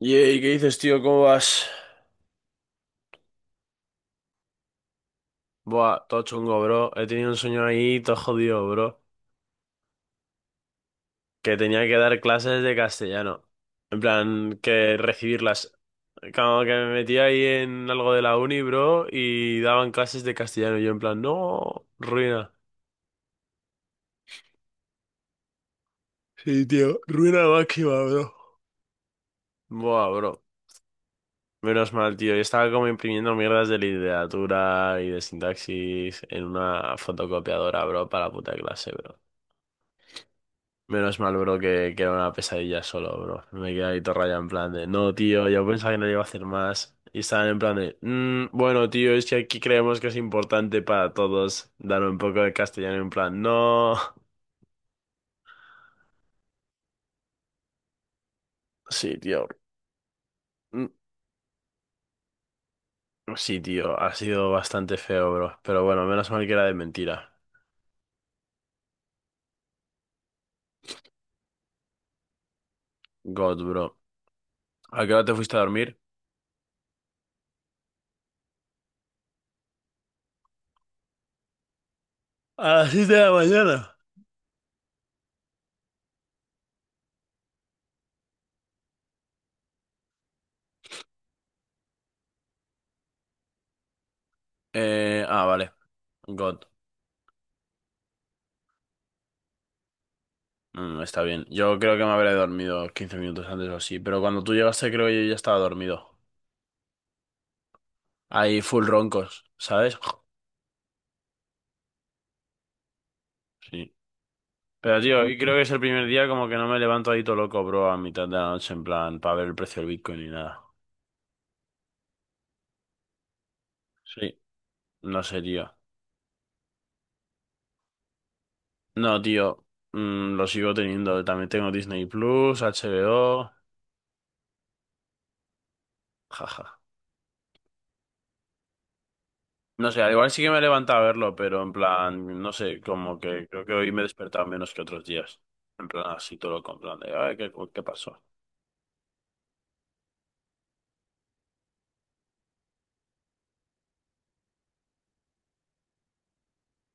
Yey, ¿qué dices, tío? ¿Cómo vas? Buah, todo chungo, bro. He tenido un sueño ahí, todo jodido, bro. Que tenía que dar clases de castellano. En plan, que recibirlas. Como que me metí ahí en algo de la uni, bro, y daban clases de castellano. Y yo en plan, no, ruina. Sí, tío, ruina máxima, bro. Buah, bro. Menos mal, tío. Yo estaba como imprimiendo mierdas de literatura y de sintaxis en una fotocopiadora, bro, para la puta clase, bro. Menos mal, bro, que era una pesadilla solo, bro. Me quedé ahí todo rayado en plan de, no, tío, yo pensaba que no le iba a hacer más. Y estaban en plan de, bueno, tío, es que aquí creemos que es importante para todos dar un poco de castellano en plan, no. Sí, tío. Mm. Sí, tío, ha sido bastante feo, bro. Pero bueno, menos mal que era de mentira. God, bro. ¿A qué hora te fuiste a dormir? A las 7 de la mañana. Vale. God. Está bien. Yo creo que me habré dormido 15 minutos antes o así, pero cuando tú llegaste creo que yo ya estaba dormido. Ahí full roncos, ¿sabes? Sí. Pero tío, hoy creo que es el primer día como que no me levanto ahí todo loco, bro, a mitad de la noche en plan para ver el precio del Bitcoin ni nada. Sí, no sé, tío. No, tío, lo sigo teniendo. También tengo Disney Plus, HBO, jaja. No sé, al igual sí que me he levantado a verlo, pero en plan, no sé, como que creo que hoy me he despertado menos que otros días. En plan, así todo con plan de, ay, ¿qué pasó?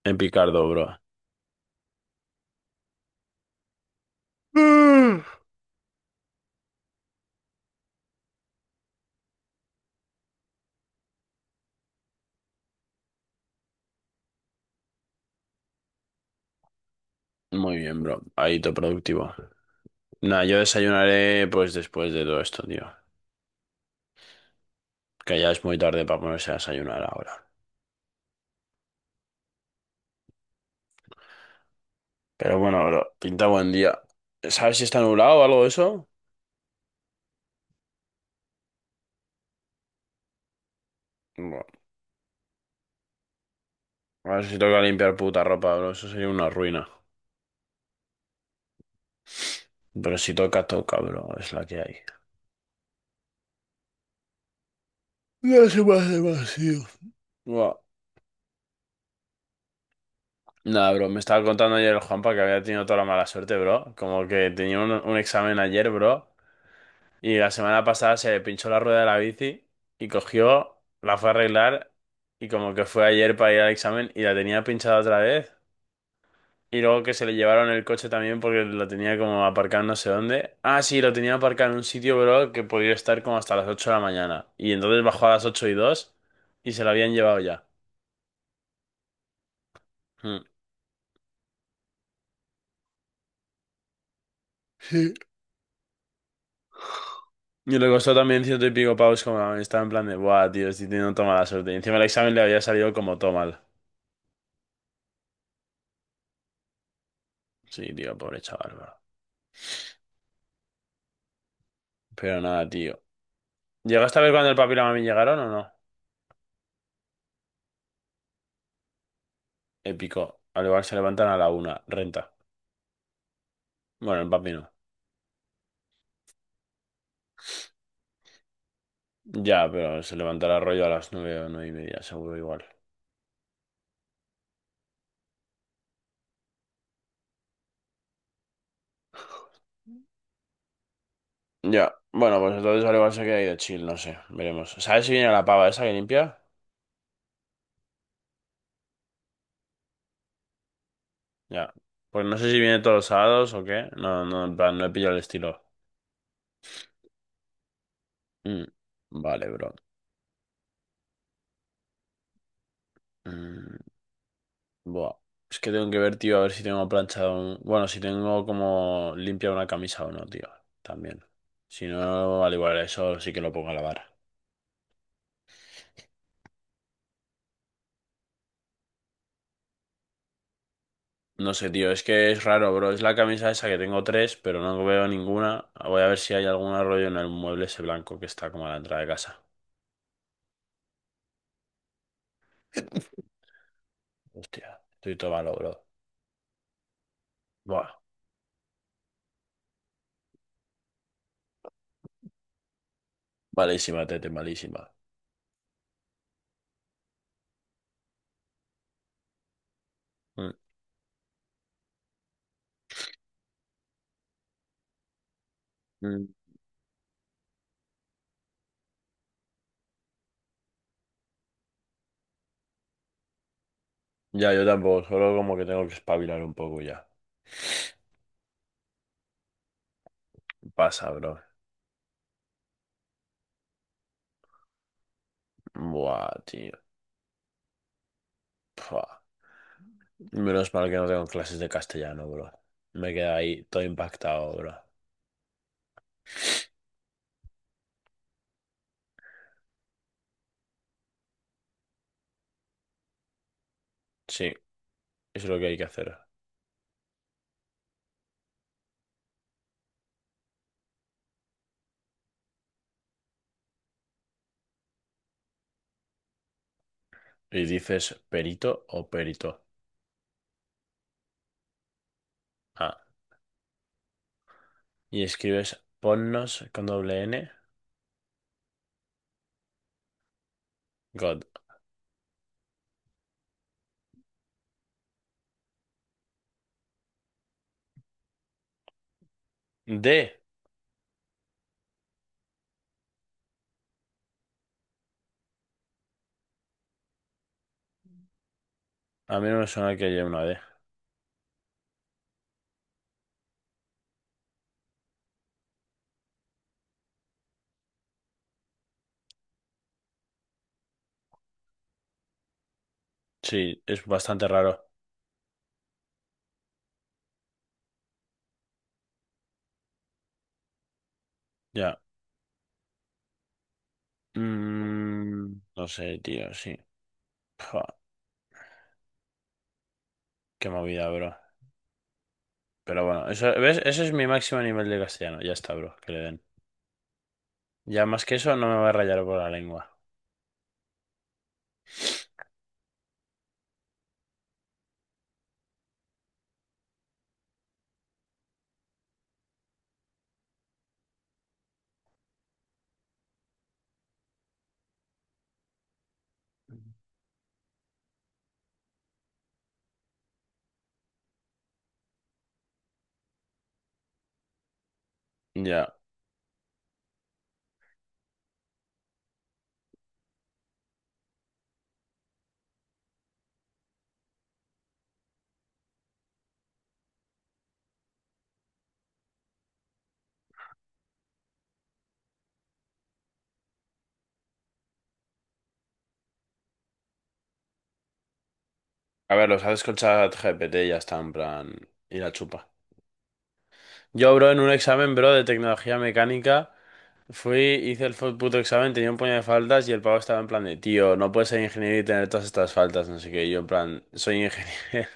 En Picardo, bro. Mm. Muy bien, bro. Ahí todo productivo. Nada, yo desayunaré pues después de todo esto, tío. Que ya es muy tarde para ponerse a desayunar ahora. Pero bueno, bro, pinta buen día. ¿Sabes si está nublado o algo de eso? Bueno, a ver si toca limpiar puta ropa, bro. Eso sería una ruina. Pero si toca, toca, bro. Es la que hay. No se me hace. Buah. Nada, bro, me estaba contando ayer el Juanpa que había tenido toda la mala suerte, bro. Como que tenía un examen ayer, bro, y la semana pasada se le pinchó la rueda de la bici y cogió, la fue a arreglar y como que fue ayer para ir al examen y la tenía pinchada otra vez. Y luego que se le llevaron el coche también porque lo tenía como aparcado no sé dónde. Ah, sí, lo tenía aparcado en un sitio, bro, que podía estar como hasta las 8 de la mañana. Y entonces bajó a las 8 y 2 y se lo habían llevado ya. Hmm. Y le costó también ciento y pico pavos como estaba en plan de, buah, tío, estoy teniendo toda mala suerte. Y encima el examen le había salido como todo mal. Sí, tío, pobre chaval, bro. Pero nada, tío. ¿Llegaste a ver cuando el papi y la mami llegaron o no? Épico. Al igual se levantan a la una, renta. Bueno, el papi no. Ya, pero se levantará rollo a las nueve o nueve y media, seguro igual. Ya, bueno, pues entonces al igual se queda ahí de chill, no sé, veremos. ¿Sabes si viene la pava esa que limpia? Ya. Pues no sé si viene todos los sábados o qué. No, no, en plan, no he pillado el estilo. Mm. Vale, bro. Mm. Buah. Es que tengo que ver, tío, a ver si tengo planchado un... Bueno, si tengo como limpia una camisa o no, tío. También. Si no, al igual eso sí que lo pongo a lavar. No sé, tío, es que es raro, bro. Es la camisa esa que tengo tres, pero no veo ninguna. Voy a ver si hay algún rollo en el mueble ese blanco que está como a la entrada de casa. Hostia, estoy todo malo, bro. Buah, malísima, tete, malísima. Mm, mm. Ya, yo tampoco, solo como que tengo que espabilar un poco ya. Pasa, bro. Buah, tío. Buah. Menos mal que no tengo clases de castellano, bro. Me queda ahí todo impactado, bro. Sí, eso es lo que hay que hacer. Y dices perito o perito. Ah, y escribes ponnos con doble N. God. D. A mí no me suena que haya una D. Sí, es bastante raro. Ya. No sé, tío, sí. Pua, qué movida, bro. Pero bueno, eso, ¿ves? Ese es mi máximo nivel de castellano. Ya está, bro, que le den. Ya más que eso no me va a rayar por la lengua. Ya. A ver, los haces con ChatGPT y ya está, en plan, y la chupa. Yo, bro, en un examen, bro, de tecnología mecánica, fui, hice el puto examen, tenía un puño de faltas y el pavo estaba en plan de, tío, no puedes ser ingeniero y tener todas estas faltas, no sé qué. Y yo, en plan, soy ingeniero.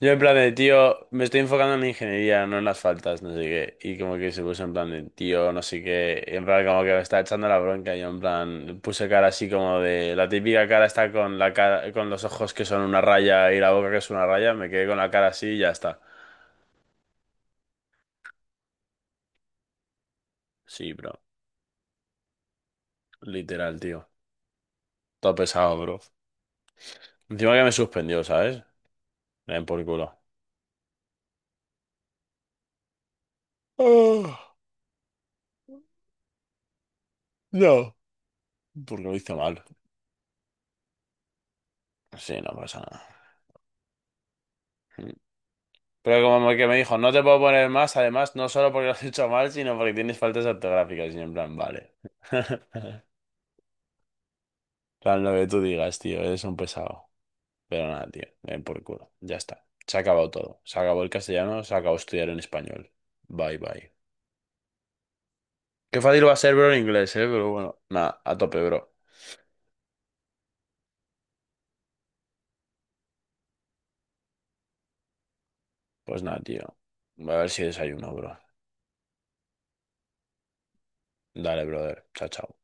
Yo en plan de, tío, me estoy enfocando en la ingeniería, no en las faltas, no sé qué. Y como que se puso en plan de, tío, no sé qué. Y en plan como que me está echando la bronca. Y yo en plan puse cara así como de, la típica cara está con la cara, con los ojos que son una raya y la boca que es una raya. Me quedé con la cara así y ya está. Sí, bro. Literal, tío. Todo pesado, bro. Encima que me suspendió, ¿sabes? Me den por culo. Ah, no. Porque lo hizo mal. Sí, no pasa nada. Pero como que me dijo, no te puedo poner más, además, no solo porque lo has hecho mal, sino porque tienes faltas ortográficas. Y yo en plan, vale. En plan, lo que tú digas, tío, eres un pesado. Pero nada, tío, ven por culo. Ya está. Se ha acabado todo. Se acabó el castellano, se acabó estudiar en español. Bye, bye. Qué fácil va a ser, bro, en inglés, pero bueno, nada, a tope, bro. Pues nada, tío. Voy a ver si desayuno, bro. Dale, brother. Chao, chao.